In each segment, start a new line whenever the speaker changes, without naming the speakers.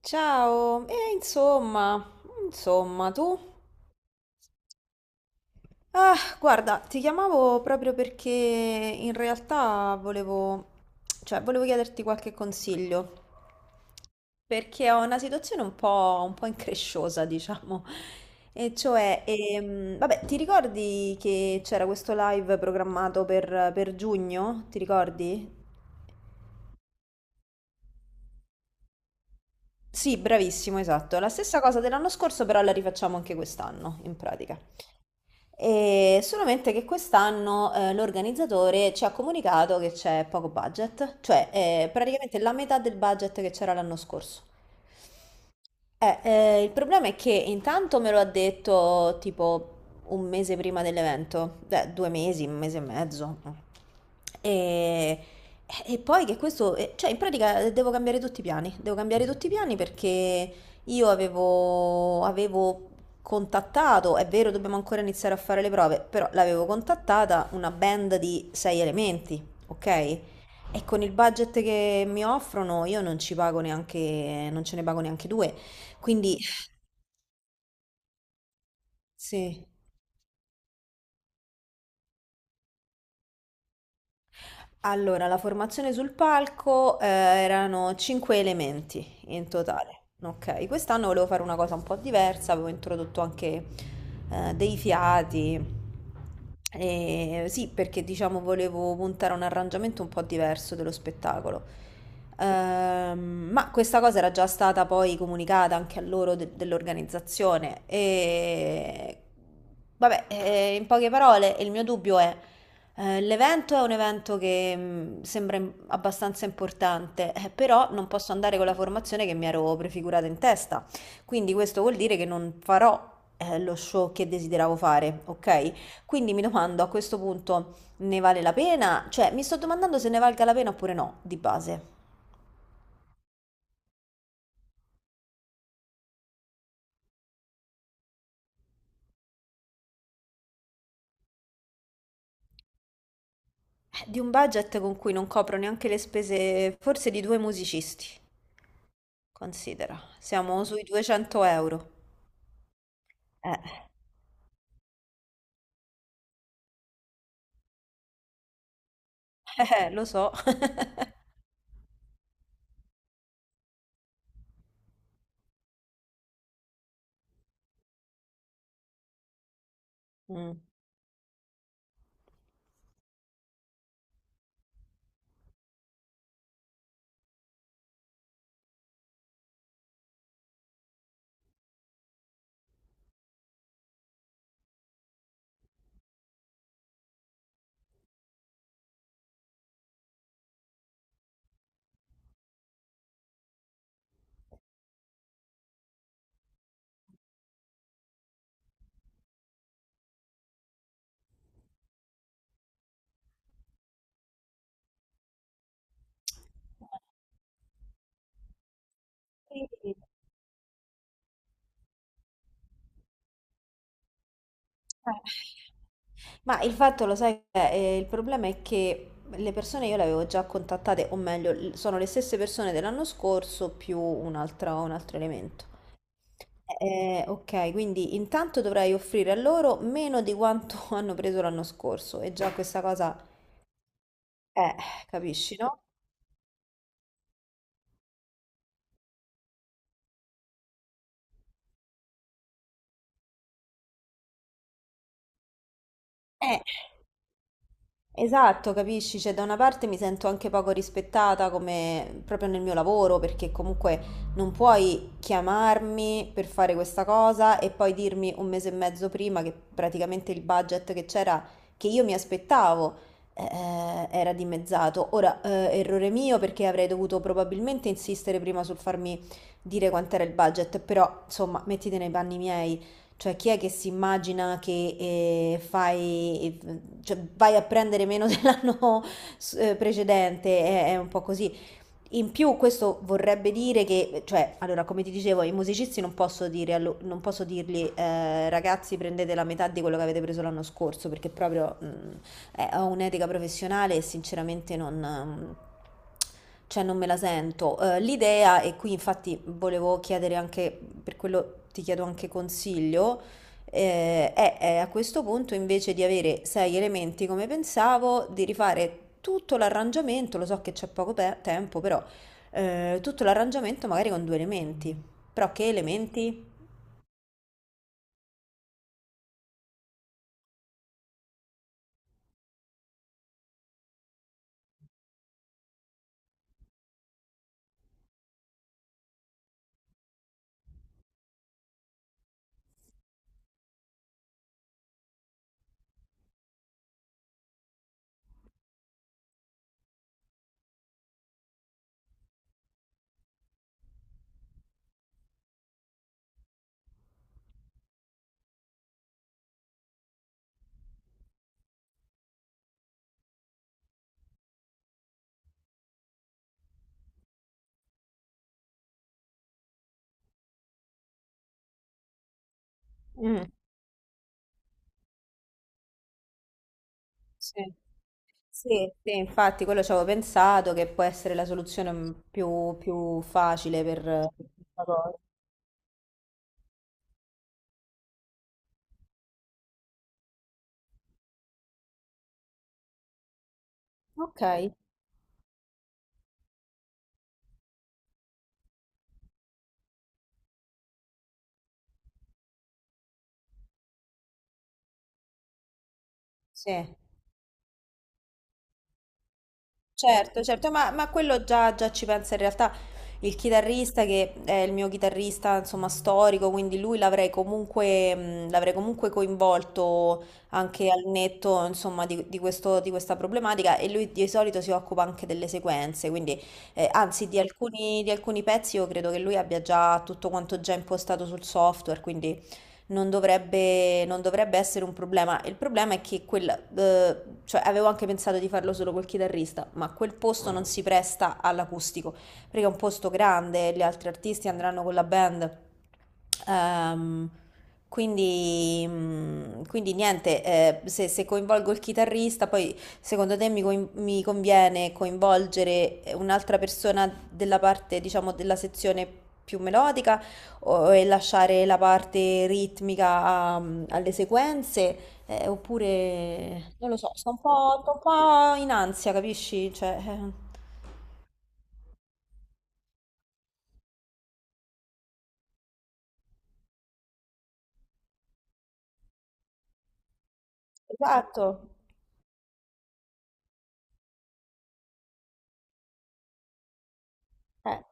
Ciao, e insomma, tu? Ah, guarda, ti chiamavo proprio perché in realtà cioè, volevo chiederti qualche consiglio, perché ho una situazione un po' incresciosa, diciamo. E cioè, vabbè, ti ricordi che c'era questo live programmato per giugno? Ti ricordi? Sì, bravissimo, esatto. La stessa cosa dell'anno scorso, però la rifacciamo anche quest'anno, in pratica. E solamente che quest'anno l'organizzatore ci ha comunicato che c'è poco budget, cioè praticamente la metà del budget che c'era l'anno scorso. Il problema è che intanto me lo ha detto tipo un mese prima dell'evento, beh, 2 mesi, un mese e mezzo. E, e poi che questo, cioè in pratica devo cambiare tutti i piani, devo cambiare tutti i piani perché io avevo contattato, è vero, dobbiamo ancora iniziare a fare le prove, però l'avevo contattata una band di sei elementi, ok? E con il budget che mi offrono io non ci pago neanche, non ce ne pago neanche due. Quindi, sì, allora la formazione sul palco erano cinque elementi in totale. Ok, quest'anno volevo fare una cosa un po' diversa, avevo introdotto anche dei fiati. E sì, perché diciamo volevo puntare a un arrangiamento un po' diverso dello spettacolo. Ma questa cosa era già stata poi comunicata anche a loro dell'organizzazione. E vabbè, in poche parole, il mio dubbio è. L'evento è un evento che sembra abbastanza importante, però non posso andare con la formazione che mi ero prefigurata in testa. Quindi questo vuol dire che non farò lo show che desideravo fare, ok? Quindi mi domando, a questo punto ne vale la pena? Cioè, mi sto domandando se ne valga la pena oppure no, di base. Di un budget con cui non copro neanche le spese, forse di due musicisti. Considera, siamo sui 200 euro. Eh, lo so. Mm. Eh. Ma il fatto, lo sai, il problema è che le persone io le avevo già contattate, o meglio, sono le stesse persone dell'anno scorso più un altro elemento. Ok, quindi intanto dovrei offrire a loro meno di quanto hanno preso l'anno scorso e già questa cosa, eh, capisci, no? Eh. Esatto, capisci? Cioè, da una parte mi sento anche poco rispettata come proprio nel mio lavoro, perché comunque non puoi chiamarmi per fare questa cosa e poi dirmi un mese e mezzo prima che praticamente il budget che c'era, che io mi aspettavo, era dimezzato. Ora, errore mio perché avrei dovuto probabilmente insistere prima sul farmi dire quant'era il budget, però insomma, mettiti nei panni miei. Cioè, chi è che si immagina che fai, cioè, vai a prendere meno dell'anno precedente? È un po' così. In più, questo vorrebbe dire che, cioè, allora, come ti dicevo, i musicisti non posso dirgli, ragazzi, prendete la metà di quello che avete preso l'anno scorso, perché proprio ho un'etica professionale e sinceramente non, cioè non me la sento. L'idea, e qui infatti volevo chiedere anche, per quello ti chiedo anche consiglio, e a questo punto, invece di avere sei elementi come pensavo, di rifare tutto l'arrangiamento, lo so che c'è poco tempo, però tutto l'arrangiamento magari con due elementi. Però che elementi? Mm. Sì. Sì, sì, infatti quello ci avevo pensato che può essere la soluzione più facile per questa cosa. Ok, sì. Certo, certo, ma quello già ci pensa in realtà il chitarrista che è il mio chitarrista, insomma, storico, quindi lui l'avrei comunque coinvolto anche al netto, insomma, di, di questa problematica e lui di solito si occupa anche delle sequenze, quindi anzi di alcuni pezzi io credo che lui abbia già tutto quanto già impostato sul software, quindi non dovrebbe essere un problema. Il problema è che cioè avevo anche pensato di farlo solo col chitarrista, ma quel posto non si presta all'acustico, perché è un posto grande, gli altri artisti andranno con la band. Ehm, quindi niente, se coinvolgo il chitarrista, poi secondo te mi conviene coinvolgere un'altra persona della parte, diciamo, della sezione più melodica? E lasciare la parte ritmica alle sequenze, oppure non lo so, sto un po' in ansia, capisci? Cioè, esatto. Eh.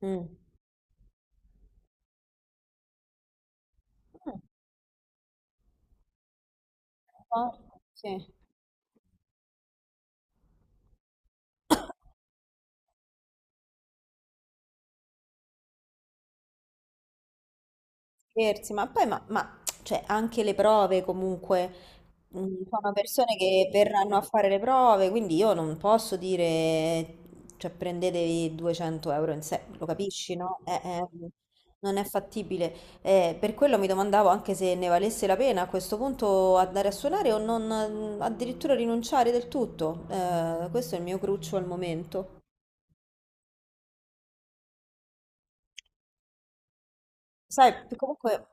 Mm. Mm, un po'. Sì. Scherzi, ma poi cioè, anche le prove comunque, sono persone che verranno a fare le prove, quindi io non posso dire, cioè prendetevi 200 euro in sé, lo capisci, no? Non è fattibile. Per quello mi domandavo anche se ne valesse la pena a questo punto andare a suonare o non addirittura rinunciare del tutto. Questo è il mio cruccio al momento. Sai, comunque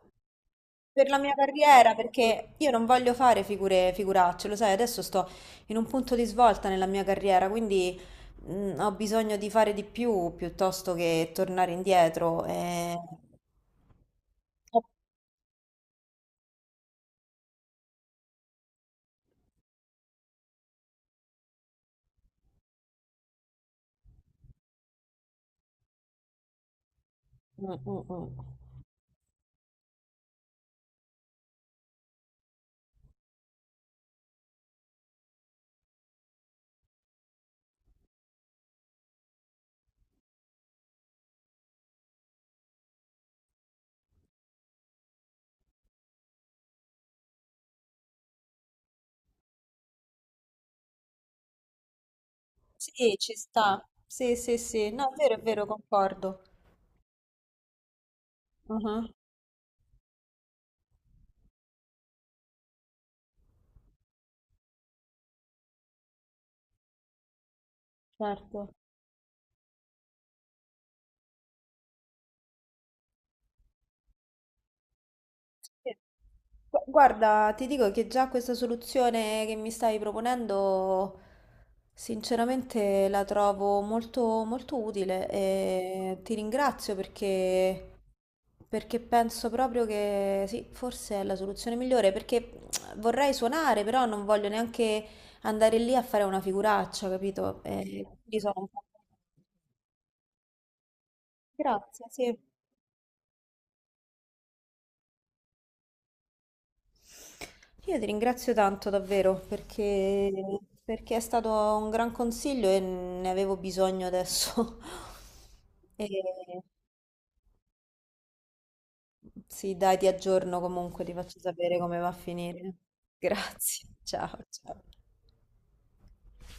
per la mia carriera, perché io non voglio fare figure, figuracce, lo sai, adesso sto in un punto di svolta nella mia carriera, quindi ho bisogno di fare di più piuttosto che tornare indietro. Mm, mm, mm. Sì, ci sta. Sì, sì, sì. No, è vero, concordo. Mhm, certo. Sì. Guarda, ti dico che già questa soluzione che mi stai proponendo, sinceramente la trovo molto, molto utile e ti ringrazio perché penso proprio che sì, forse è la soluzione migliore, perché vorrei suonare, però non voglio neanche andare lì a fare una figuraccia, capito? E quindi sono un po'. Grazie, sì. Io ti ringrazio tanto davvero perché è stato un gran consiglio e ne avevo bisogno adesso. E sì, dai, ti aggiorno comunque, ti faccio sapere come va a finire. Grazie, ciao, ciao.